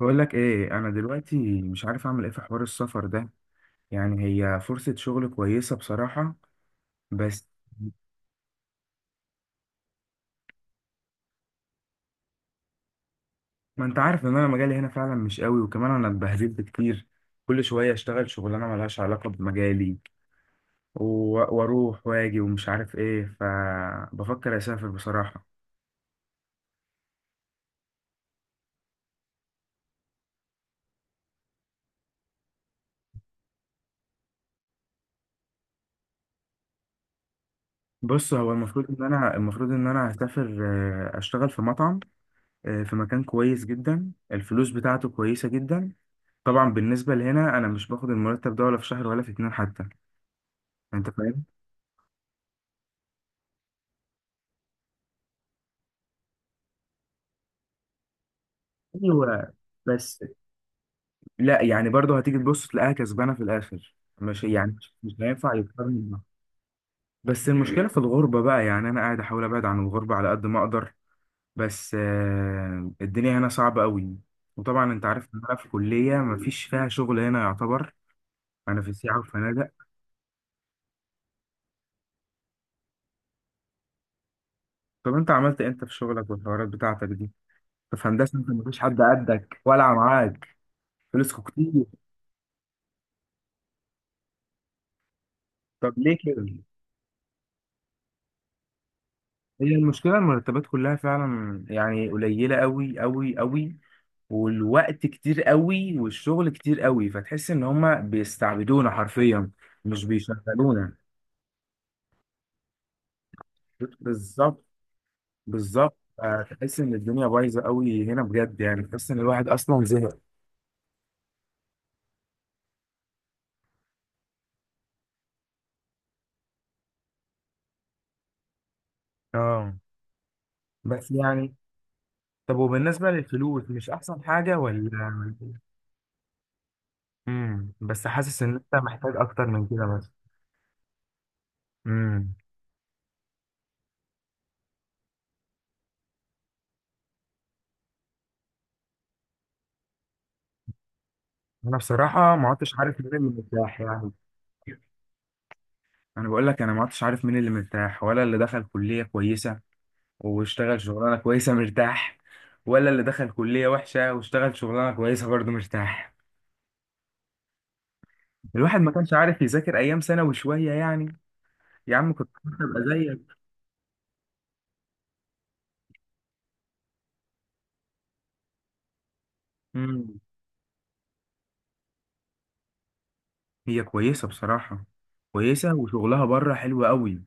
بقول لك ايه، انا دلوقتي مش عارف اعمل ايه في حوار السفر ده. يعني هي فرصة شغل كويسة بصراحة، بس. ما انت عارف ان انا مجالي هنا فعلا مش قوي، وكمان انا اتبهدلت كتير. كل شوية اشتغل شغلانة ملهاش علاقة بمجالي واروح واجي ومش عارف ايه، فبفكر اسافر بصراحة. بص، هو المفروض ان انا هسافر. آه، اشتغل في مطعم. آه، في مكان كويس جدا، الفلوس بتاعته كويسة جدا. طبعا بالنسبة لهنا انا مش باخد المرتب ده ولا في شهر ولا في اتنين حتى. انت فاهم. ايوه، بس. لا يعني برضه هتيجي تبص تلاقيها كسبانه في الاخر. مش يعني مش هينفع يقارن بها. بس المشكله في الغربه بقى، يعني انا قاعد احاول ابعد عن الغربه على قد ما اقدر. بس الدنيا هنا صعبه قوي. وطبعا انت عارف ان انا في كليه مفيش فيها شغل هنا يعتبر. انا في سياحه وفنادق. طب انت عملت إيه انت في شغلك والحوارات بتاعتك دي؟ طب في هندسه انت مفيش حد قدك ولا معاك؟ فلوسكوا كتير. طب ليه كده؟ هي المشكلة المرتبات كلها فعلا يعني قليلة قوي قوي قوي، والوقت كتير قوي والشغل كتير قوي، فتحس ان هما بيستعبدونا حرفيا، مش بيشغلونا. بالظبط، بالظبط. آه، تحس ان الدنيا بايظة قوي هنا بجد، يعني تحس ان الواحد اصلا زهق. اه، بس يعني. طب وبالنسبة للفلوس مش أحسن حاجة ولا؟ بس حاسس إن أنت محتاج أكتر من كده، بس. امم. أنا بصراحة ما عدتش عارف مين اللي مرتاح يعني. انا بقول لك انا ما عدتش عارف مين اللي مرتاح، ولا اللي دخل كلية كويسة واشتغل شغلانة كويسة مرتاح، ولا اللي دخل كلية وحشة واشتغل شغلانة كويسة برضه مرتاح. الواحد ما كانش عارف يذاكر ايام ثانوي شوية يعني. يا عم كنت ابقى زيك. امم. هي كويسة بصراحة، كويسة وشغلها بره حلو قوي.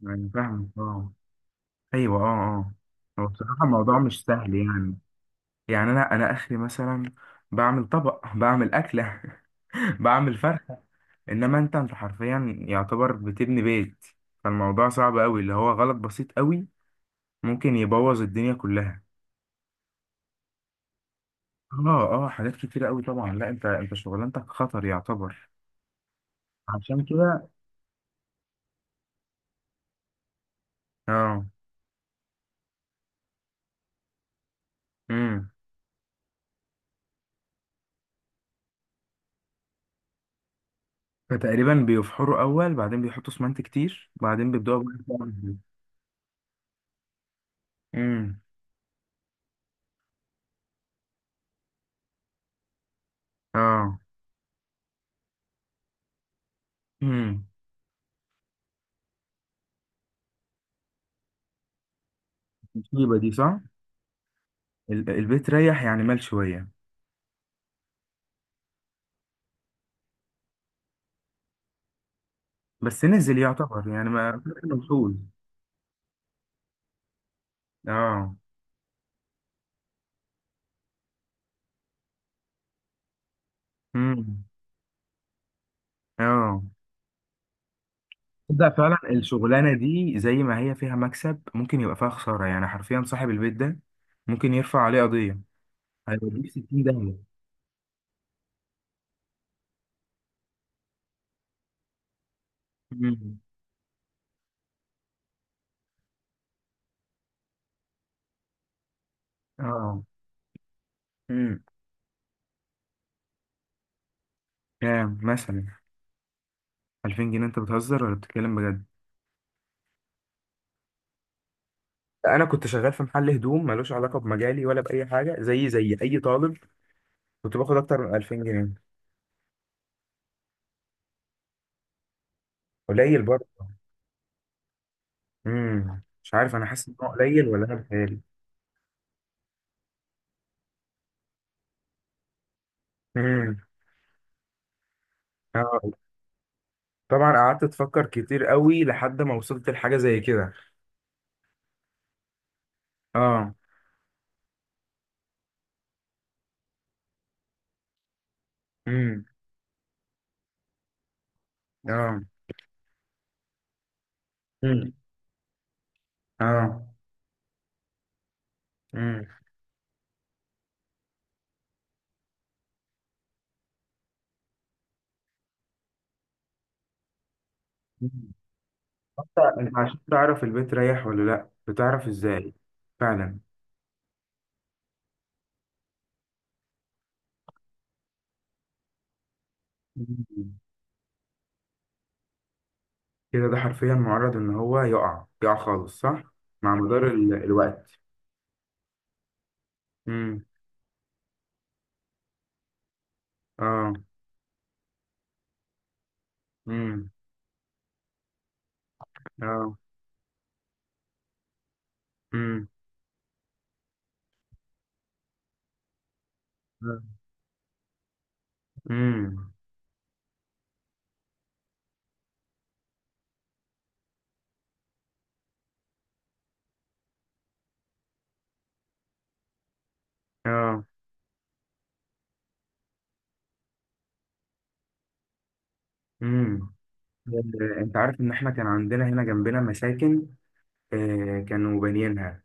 يعني فاهم، اه. ايوه، اه. اه. هو بصراحة الموضوع مش سهل يعني. يعني انا اخري مثلا بعمل طبق، بعمل اكلة، بعمل فرخة. انما انت حرفيا يعتبر بتبني بيت. فالموضوع صعب قوي، اللي هو غلط بسيط قوي ممكن يبوظ الدنيا كلها. اه، اه، حاجات كتيرة قوي طبعا. لا، انت شغلانتك خطر يعتبر. عشان كده. اه. امم. فتقريبا بيفحروا اول، بعدين بيحطوا اسمنت كتير، بعدين بيبداوا بقى. امم. اه. امم. مصيبة دي، صح. البيت ريح يعني، مال شوية. بس نزل يعتبر يعني، ما مفهوش. اه. امم. اه، ده فعلا الشغلانه دي زي ما هي فيها مكسب ممكن يبقى فيها خساره، يعني حرفيا صاحب البيت ده ممكن يرفع عليه قضيه. هيوديه 60 داهيه. مم. اه. امم. كام مثلا؟ 2000 جنيه؟ انت بتهزر ولا بتتكلم بجد؟ انا كنت شغال في محل هدوم ملوش علاقه بمجالي ولا باي حاجه، زي اي طالب، كنت باخد اكتر من 2000 جنيه. قليل برضه. مش عارف، انا حاسس ان هو قليل ولا انا بتهيألي. امم. اه. طبعا قعدت افكر كتير قوي لحد ما وصلت لحاجه زي كده. اه. امم. اه. امم. اه. امم. انت عشان تعرف البيت رايح ولا لا بتعرف ازاي؟ فعلا. مم. كده، ده حرفيا معرض ان هو يقع، يقع خالص صح. مع مدار الوقت. امم. اه. امم. اه. امم. امم. اه. امم. انت عارف ان احنا كان عندنا هنا جنبنا مساكن؟ آه، كانوا بانيينها.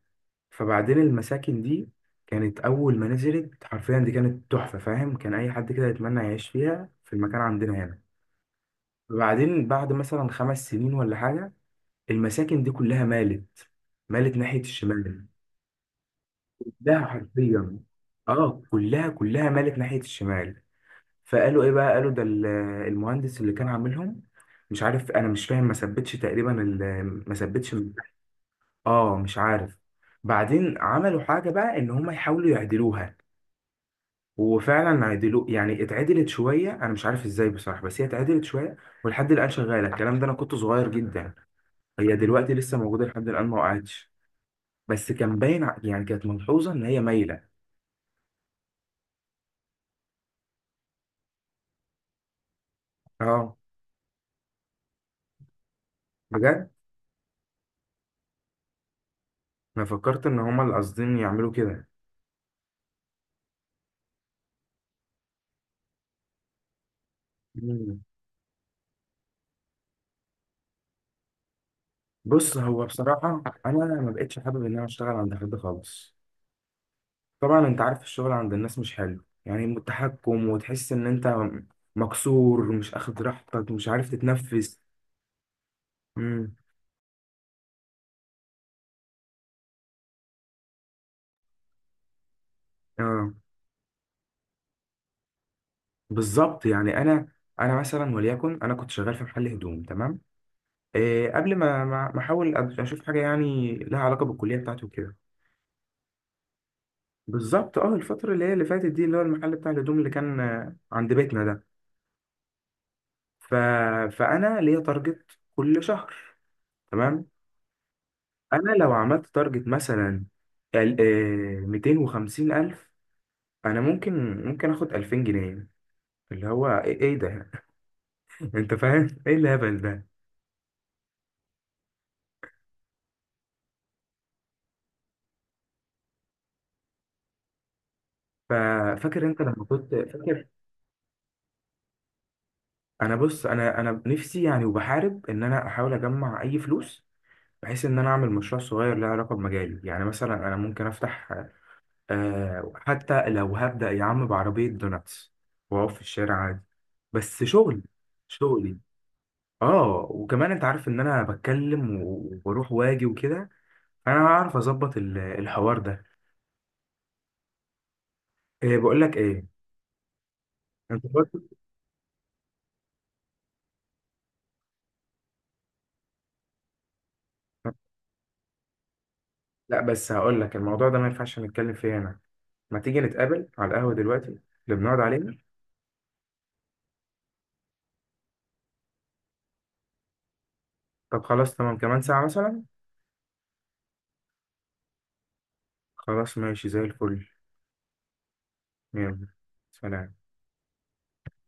فبعدين المساكن دي كانت أول ما نزلت حرفيا دي كانت تحفة، فاهم، كان أي حد كده يتمنى يعيش فيها في المكان عندنا هنا. وبعدين بعد مثلا 5 سنين ولا حاجة، المساكن دي كلها مالت. مالت ناحية الشمال. كلها حرفيا. اه، كلها كلها مالت ناحية الشمال. فقالوا ايه بقى، قالوا ده المهندس اللي كان عاملهم مش عارف، انا مش فاهم، ما ثبتش تقريبا ما ثبتش. اه، مش عارف. بعدين عملوا حاجة بقى، ان هم يحاولوا يعدلوها. وفعلا عدلوا يعني، اتعدلت شويه، انا مش عارف ازاي بصراحه، بس هي اتعدلت شويه ولحد الان شغاله الكلام ده. انا كنت صغير جدا. هي دلوقتي لسه موجوده لحد الان، ما وقعتش. بس كان باين يعني كانت ملحوظه ان هي مايله. اه، بجد. انا فكرت ان هما اللي قاصدين يعملوا كده. مم. بص، هو بصراحه انا ما بقتش حابب ان انا اشتغل عند حد خالص. طبعا انت عارف الشغل عند الناس مش حلو، يعني متحكم، وتحس ان انت مكسور، مش اخد راحتك، مش عارف تتنفس. امم. اه. بالظبط يعني انا مثلا وليكن انا كنت شغال في محل هدوم، تمام. إيه، قبل ما احاول اشوف حاجه يعني لها علاقه بالكليه بتاعتي وكده. بالظبط، اه الفتره اللي هي اللي فاتت دي اللي هو المحل بتاع الهدوم اللي كان عند بيتنا ده. ف... فانا ليا تارجت كل شهر، تمام. انا لو عملت تارجت مثلا 250 الف، انا ممكن اخد 2000 جنيه، اللي هو ايه، إيه ده، انت فاهم ايه الهبل ده؟ ففاكر انت لما كنت فاكر. انا بص، انا نفسي يعني، وبحارب ان انا احاول اجمع اي فلوس، بحيث ان انا اعمل مشروع صغير له علاقه بمجالي. يعني مثلا انا ممكن افتح، آه، حتى لو هبدا يا عم بعربيه دوناتس، واقف في الشارع عادي، بس شغل. شغلي. اه. وكمان انت عارف ان انا بتكلم وبروح واجي وكده، فانا هعرف اظبط الحوار ده. إيه، بقول لك ايه؟ انت برضه. لا، بس هقول لك الموضوع ده ما ينفعش نتكلم فيه هنا. ما تيجي نتقابل على القهوه دلوقتي اللي بنقعد عليه. طب خلاص، تمام، كمان ساعة مثلا. خلاص ماشي زي الفل. يلا. سلام.